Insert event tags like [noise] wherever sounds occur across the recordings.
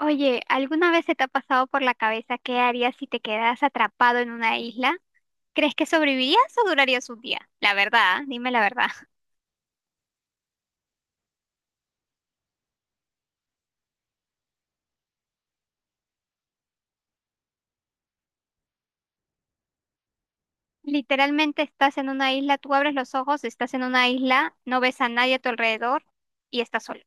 Oye, ¿alguna vez se te ha pasado por la cabeza qué harías si te quedas atrapado en una isla? ¿Crees que sobrevivirías o durarías un día? La verdad, ¿ah? Dime la verdad. [laughs] Literalmente estás en una isla, tú abres los ojos, estás en una isla, no ves a nadie a tu alrededor y estás solo.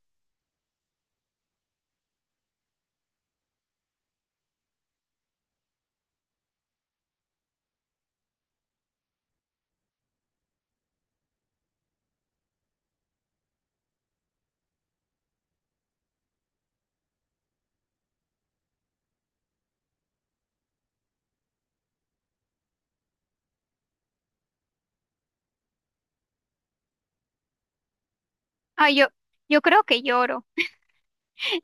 Ay, yo creo que lloro.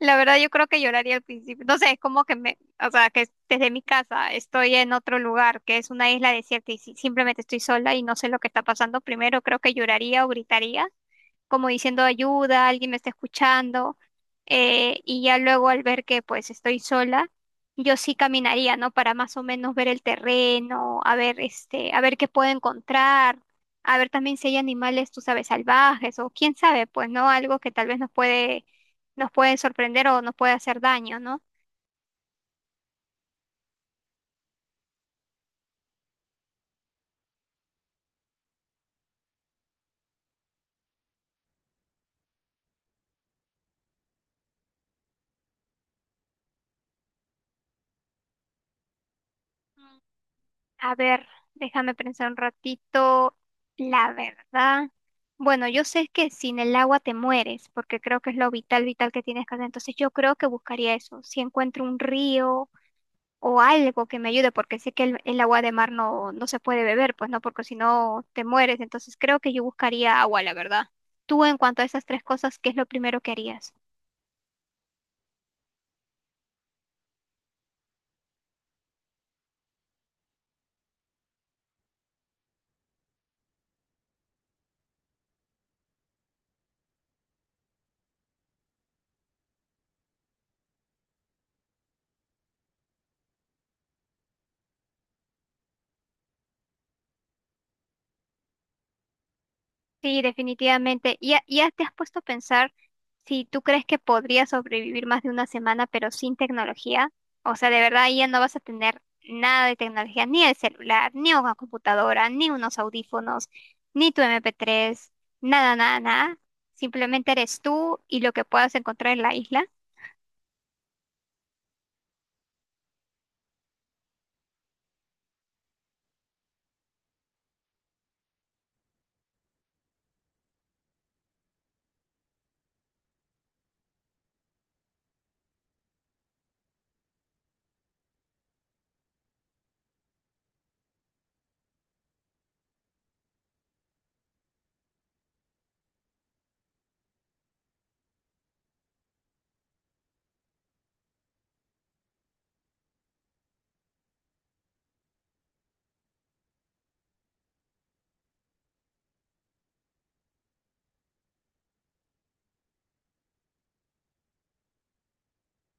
La verdad, yo creo que lloraría al principio. No sé, es como que me, o sea, que desde mi casa estoy en otro lugar, que es una isla desierta y simplemente estoy sola y no sé lo que está pasando. Primero creo que lloraría o gritaría, como diciendo ayuda, alguien me está escuchando. Y ya luego al ver que pues estoy sola, yo sí caminaría, ¿no? Para más o menos ver el terreno, a ver este, a ver qué puedo encontrar. A ver también si hay animales, tú sabes, salvajes o quién sabe, pues, ¿no? Algo que tal vez nos pueden sorprender o nos puede hacer daño, ¿no? A ver, déjame pensar un ratito. La verdad. Bueno, yo sé que sin el agua te mueres, porque creo que es lo vital, vital que tienes que hacer. Entonces yo creo que buscaría eso. Si encuentro un río o algo que me ayude, porque sé que el agua de mar no, no se puede beber, pues no, porque si no te mueres. Entonces creo que yo buscaría agua, la verdad. Tú en cuanto a esas tres cosas, ¿qué es lo primero que harías? Sí, definitivamente. ¿Y ya, ya te has puesto a pensar si tú crees que podrías sobrevivir más de una semana pero sin tecnología? O sea, de verdad ahí ya no vas a tener nada de tecnología, ni el celular, ni una computadora, ni unos audífonos, ni tu MP3, nada, nada, nada. Simplemente eres tú y lo que puedas encontrar en la isla.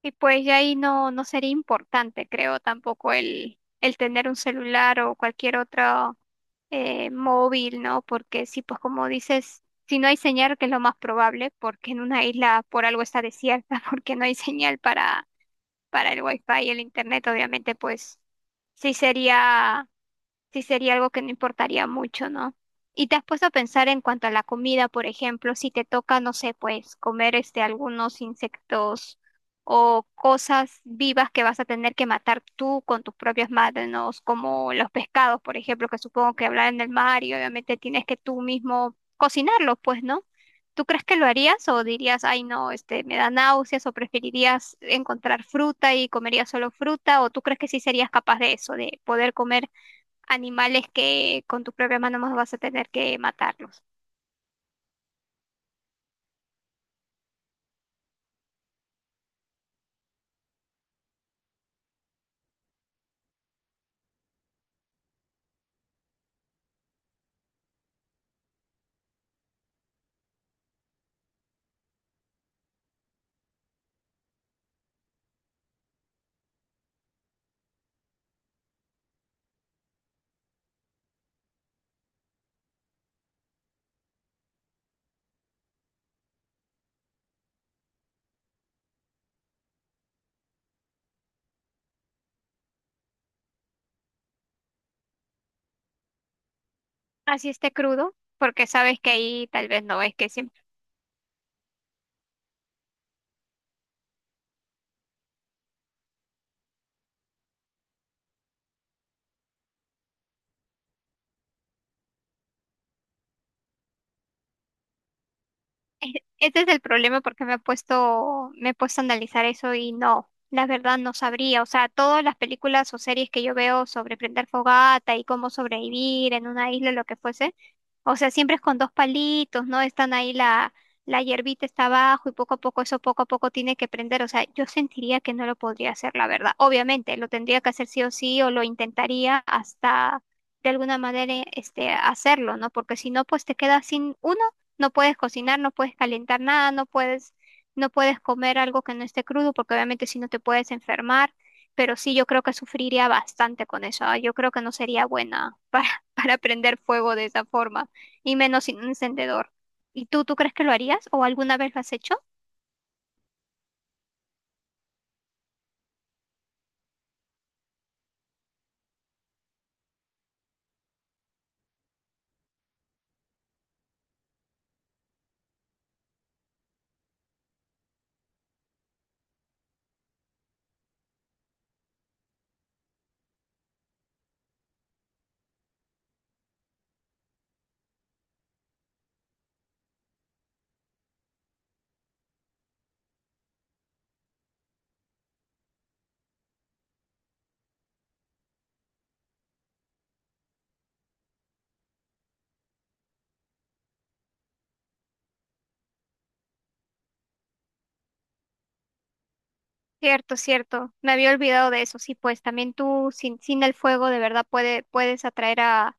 Y pues ya ahí no, no sería importante, creo, tampoco el tener un celular o cualquier otro móvil, ¿no? Porque sí, pues como dices, si no hay señal, que es lo más probable, porque en una isla por algo está desierta, [laughs] porque no hay señal para el wifi y el internet, obviamente, pues sí sería sí sería algo que no importaría mucho, ¿no? ¿Y te has puesto a pensar en cuanto a la comida, por ejemplo, si te toca, no sé, pues comer este algunos insectos o cosas vivas que vas a tener que matar tú con tus propias manos, como los pescados, por ejemplo, que supongo que hablan en el mar y obviamente tienes que tú mismo cocinarlos, pues, ¿no? ¿Tú crees que lo harías o dirías, ay, no, este, me da náuseas, o preferirías encontrar fruta y comerías solo fruta, o tú crees que sí serías capaz de eso, de poder comer animales que con tu propia mano más vas a tener que matarlos? Así esté crudo, porque sabes que ahí tal vez no es que... Ese es el problema porque me he puesto a analizar eso y no, la verdad no sabría. O sea, todas las películas o series que yo veo sobre prender fogata y cómo sobrevivir en una isla, lo que fuese, o sea, siempre es con dos palitos, ¿no? Están ahí la hierbita está abajo y poco a poco tiene que prender. O sea, yo sentiría que no lo podría hacer, la verdad. Obviamente, lo tendría que hacer sí o sí, o lo intentaría hasta de alguna manera este hacerlo, ¿no? Porque si no, pues te quedas sin una... no puedes cocinar, no puedes calentar nada, no puedes, no puedes comer algo que no esté crudo, porque obviamente si no te puedes enfermar. Pero sí, yo creo que sufriría bastante con eso. Yo creo que no sería buena para, [laughs] para prender fuego de esa forma, y menos sin un encendedor. ¿Y tú crees que lo harías o alguna vez lo has hecho? Cierto, cierto. Me había olvidado de eso. Sí, pues también tú sin, sin el fuego de verdad puede, puedes atraer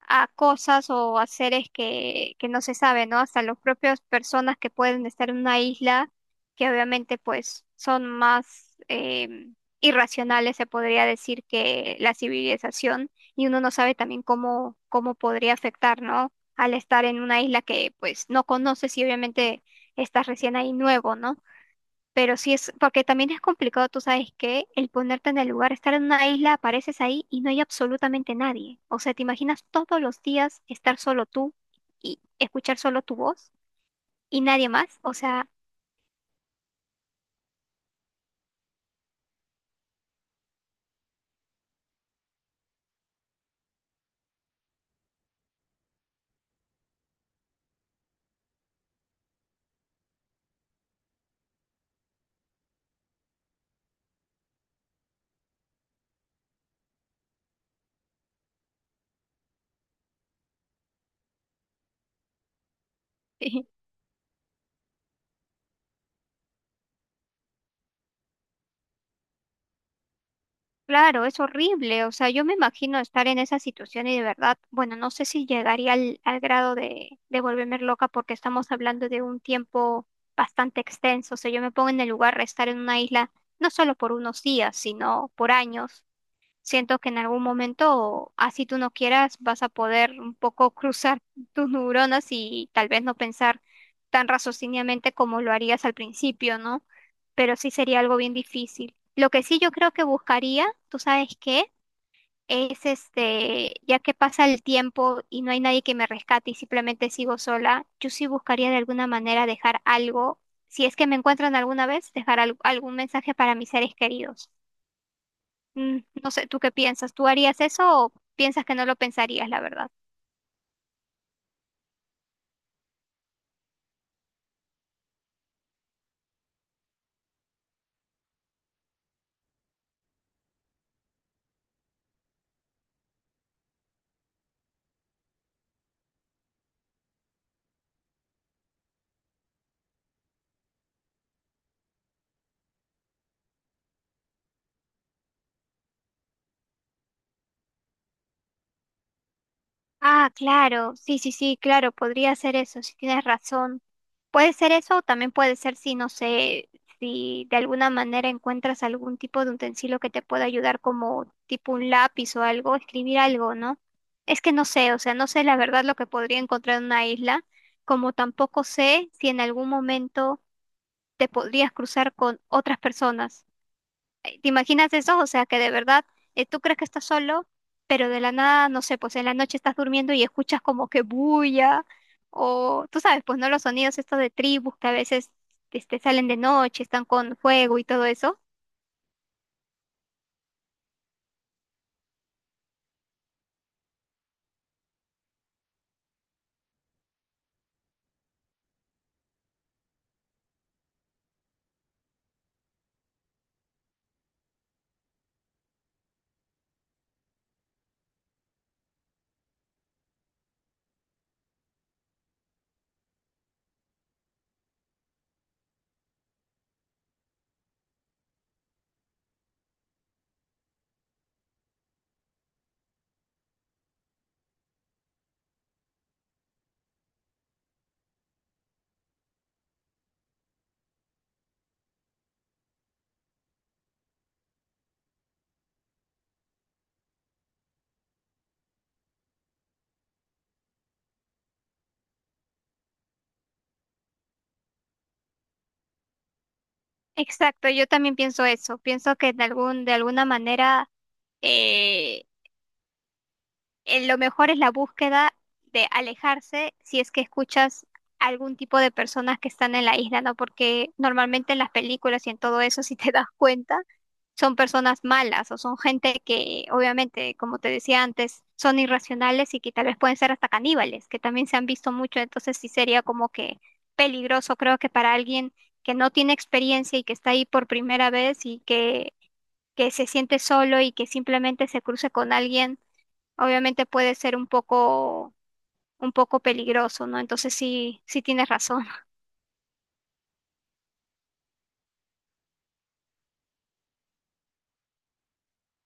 a cosas o a seres que no se sabe, ¿no? Hasta las propias personas que pueden estar en una isla, que obviamente pues son más irracionales, se podría decir, que la civilización, y uno no sabe también cómo, cómo podría afectar, ¿no? Al estar en una isla que pues no conoces y obviamente estás recién ahí nuevo, ¿no? Pero sí es, porque también es complicado, tú sabes, que el ponerte en el lugar, estar en una isla, apareces ahí y no hay absolutamente nadie. O sea, ¿te imaginas todos los días estar solo tú y escuchar solo tu voz y nadie más? O sea, [laughs] claro, es horrible. O sea, yo me imagino estar en esa situación y de verdad, bueno, no sé si llegaría al, al grado de volverme loca, porque estamos hablando de un tiempo bastante extenso. O sea, yo me pongo en el lugar de estar en una isla no solo por unos días, sino por años. Siento que en algún momento, así tú no quieras, vas a poder un poco [laughs] cruzar tus neuronas y tal vez no pensar tan raciocinadamente como lo harías al principio, ¿no? Pero sí sería algo bien difícil. Lo que sí yo creo que buscaría, ¿tú sabes qué? Es este, ya que pasa el tiempo y no hay nadie que me rescate y simplemente sigo sola, yo sí buscaría de alguna manera dejar algo, si es que me encuentran alguna vez, dejar algún mensaje para mis seres queridos. Mm, no sé, ¿tú qué piensas? ¿Tú harías eso o piensas que no lo pensarías, la verdad? Ah, claro, sí, sí, sí, claro, podría ser eso, si tienes razón. Puede ser eso o también puede ser si, no sé, si de alguna manera encuentras algún tipo de utensilio que te pueda ayudar como tipo un lápiz o algo, escribir algo, ¿no? Es que no sé, o sea, no sé la verdad lo que podría encontrar en una isla, como tampoco sé si en algún momento te podrías cruzar con otras personas. ¿Te imaginas eso? O sea, que de verdad tú crees que estás solo, pero de la nada, no sé, pues en la noche estás durmiendo y escuchas como que bulla, o tú sabes, pues no, los sonidos estos de tribus que a veces este, salen de noche, están con fuego y todo eso. Exacto, yo también pienso eso. Pienso que de algún, de alguna manera eh, lo mejor es la búsqueda de alejarse si es que escuchas algún tipo de personas que están en la isla, ¿no? Porque normalmente en las películas y en todo eso, [laughs] si te das cuenta, son personas malas o son gente que, obviamente, como te decía antes, son irracionales y que tal vez pueden ser hasta caníbales, que también se han visto mucho, entonces sí sería como que peligroso, creo, que para alguien que no tiene experiencia y que está ahí por primera vez y que se siente solo y que simplemente se cruce con alguien obviamente puede ser un poco peligroso, ¿no? Entonces sí, sí tienes razón.